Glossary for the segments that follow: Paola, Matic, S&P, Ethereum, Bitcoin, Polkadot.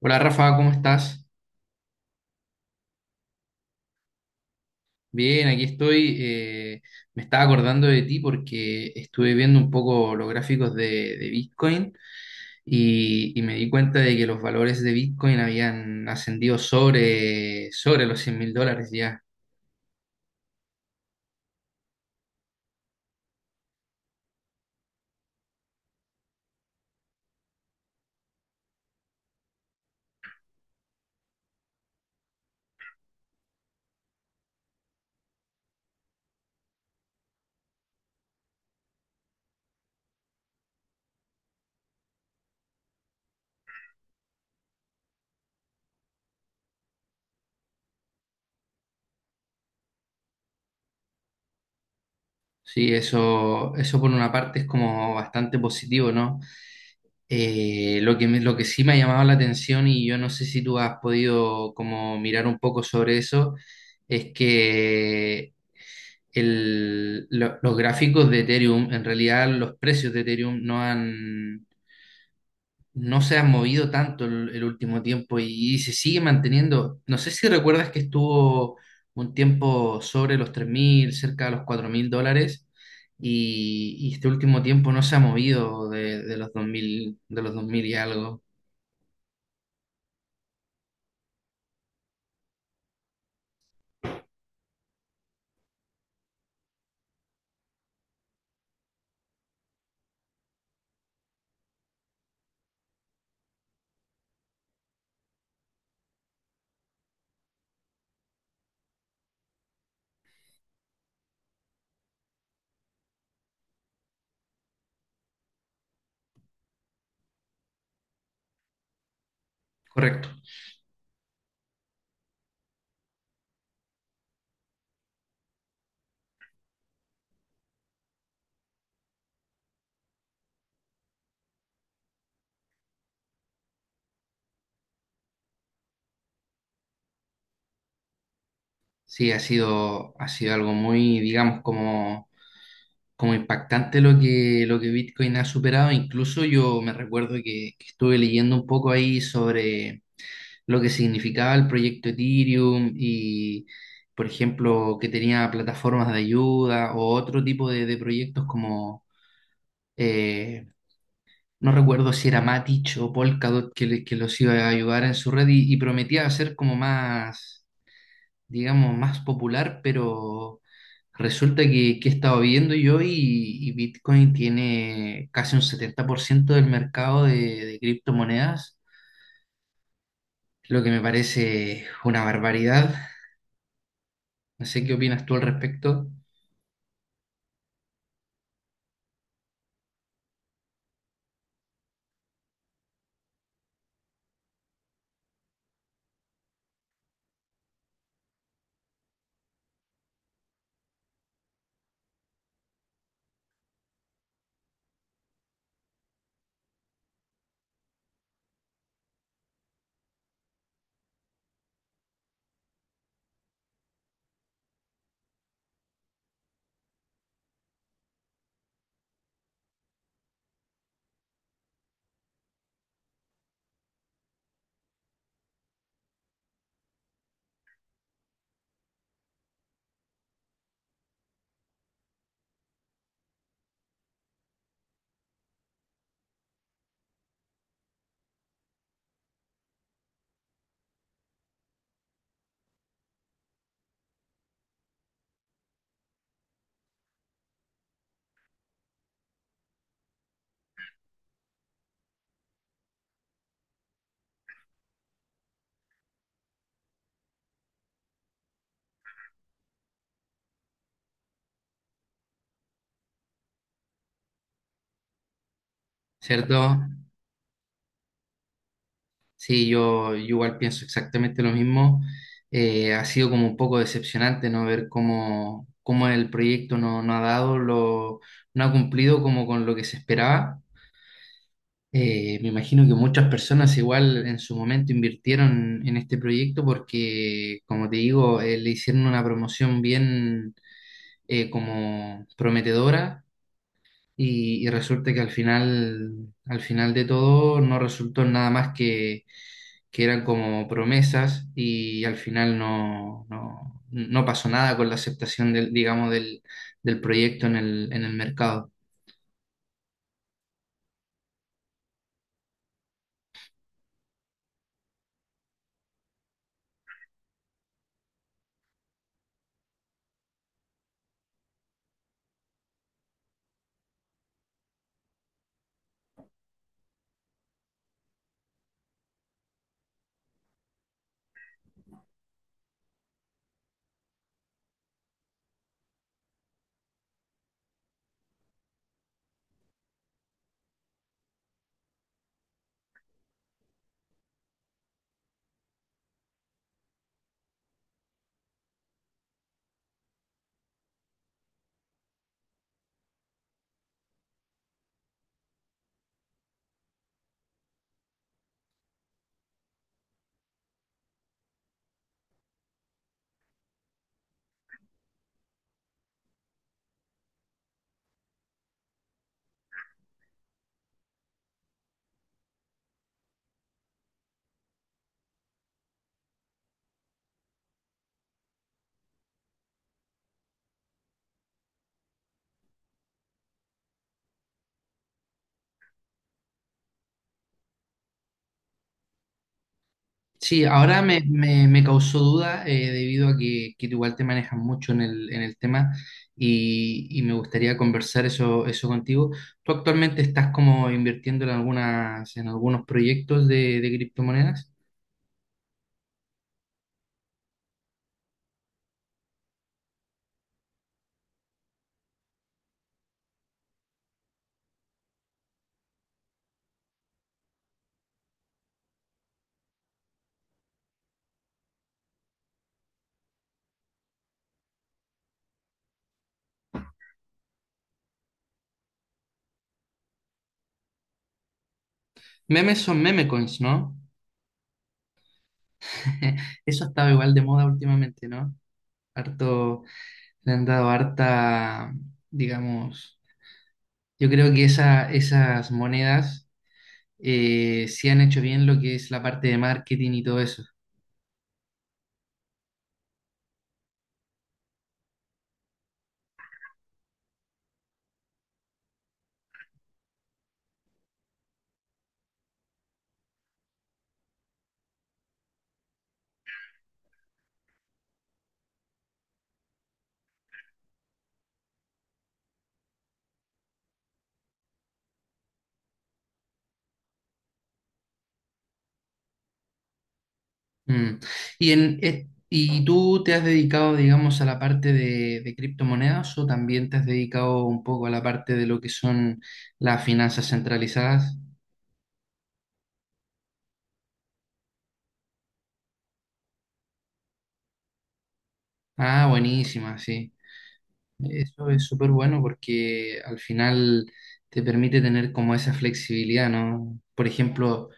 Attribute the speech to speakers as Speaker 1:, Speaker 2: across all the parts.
Speaker 1: Hola Rafa, ¿cómo estás? Bien, aquí estoy. Me estaba acordando de ti porque estuve viendo un poco los gráficos de Bitcoin y me di cuenta de que los valores de Bitcoin habían ascendido sobre los $100.000 ya. Sí, eso por una parte es como bastante positivo, ¿no? Lo que sí me ha llamado la atención y yo no sé si tú has podido como mirar un poco sobre eso es que los gráficos de Ethereum, en realidad los precios de Ethereum no se han movido tanto el último tiempo y se sigue manteniendo. No sé si recuerdas que estuvo un tiempo sobre los 3.000, cerca de los $4.000 y este último tiempo no se ha movido de los 2.000, de los 2.000 y algo. Correcto. Sí, ha sido algo muy, digamos, como, como impactante lo que Bitcoin ha superado. Incluso yo me recuerdo que estuve leyendo un poco ahí sobre lo que significaba el proyecto Ethereum y, por ejemplo, que tenía plataformas de ayuda o otro tipo de proyectos como, eh, no recuerdo si era Matic o Polkadot que los iba a ayudar en su red y prometía hacer como más, digamos, más popular, pero resulta que he estado viendo yo y Bitcoin tiene casi un 70% del mercado de criptomonedas, lo que me parece una barbaridad. No sé qué opinas tú al respecto, ¿cierto? Sí, yo igual pienso exactamente lo mismo. Ha sido como un poco decepcionante, ¿no? Ver cómo, cómo el proyecto no ha dado lo, no ha cumplido como con lo que se esperaba. Me imagino que muchas personas igual en su momento invirtieron en este proyecto porque, como te digo, le hicieron una promoción bien, como prometedora y resulta que al final de todo no resultó en nada más que eran como promesas y al final no pasó nada con la aceptación del, digamos, del, del proyecto en el mercado. Sí, ahora me causó duda, debido a que tú igual te manejas mucho en el tema y me gustaría conversar eso contigo. ¿Tú actualmente estás como invirtiendo en algunas, en algunos proyectos de criptomonedas? Memes son meme coins, ¿no? Eso ha estado igual de moda últimamente, ¿no? Harto, le han dado harta, digamos, yo creo que esa, esas monedas, sí han hecho bien lo que es la parte de marketing y todo eso. Mm. ¿Y, en, y tú te has dedicado, digamos, a la parte de criptomonedas o también te has dedicado un poco a la parte de lo que son las finanzas centralizadas? Ah, buenísima, sí. Eso es súper bueno porque al final te permite tener como esa flexibilidad, ¿no? Por ejemplo,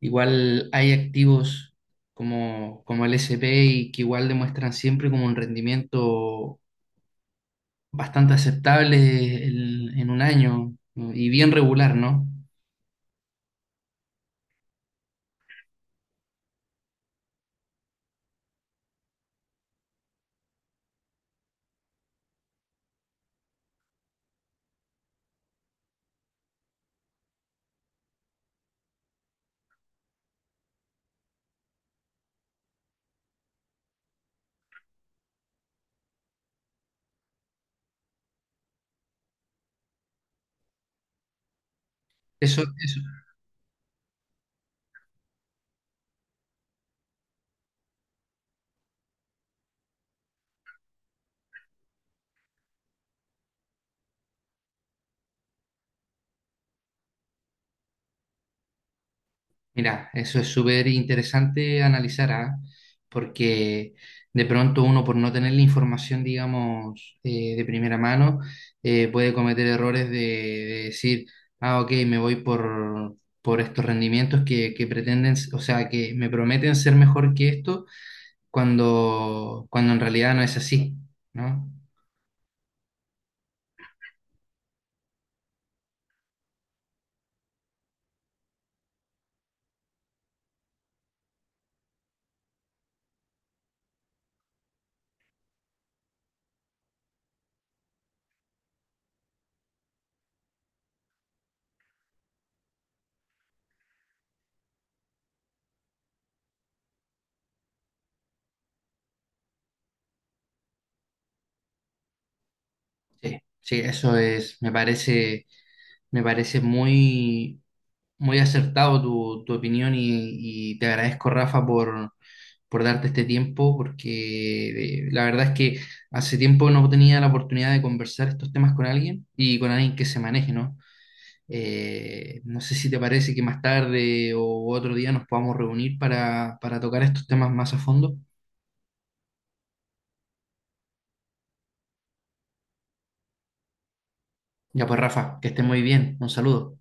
Speaker 1: igual hay activos como, como el S&P y que igual demuestran siempre como un rendimiento bastante aceptable, el- en un año, ¿no? Y bien regular, ¿no? Eso, eso, mira, eso es súper interesante analizar, ¿ah? Porque de pronto uno por no tener la información, digamos, de primera mano, puede cometer errores de decir, ah, ok, me voy por estos rendimientos que pretenden, o sea, que me prometen ser mejor que esto, cuando en realidad no es así, ¿no? Sí, sí, eso es, me parece Me parece muy, muy acertado tu opinión y te agradezco, Rafa, por darte este tiempo, porque la verdad es que hace tiempo no tenía la oportunidad de conversar estos temas con alguien y con alguien que se maneje, ¿no? No sé si te parece que más tarde o otro día nos podamos reunir para tocar estos temas más a fondo. Ya pues, Rafa, que estés muy bien. Un saludo.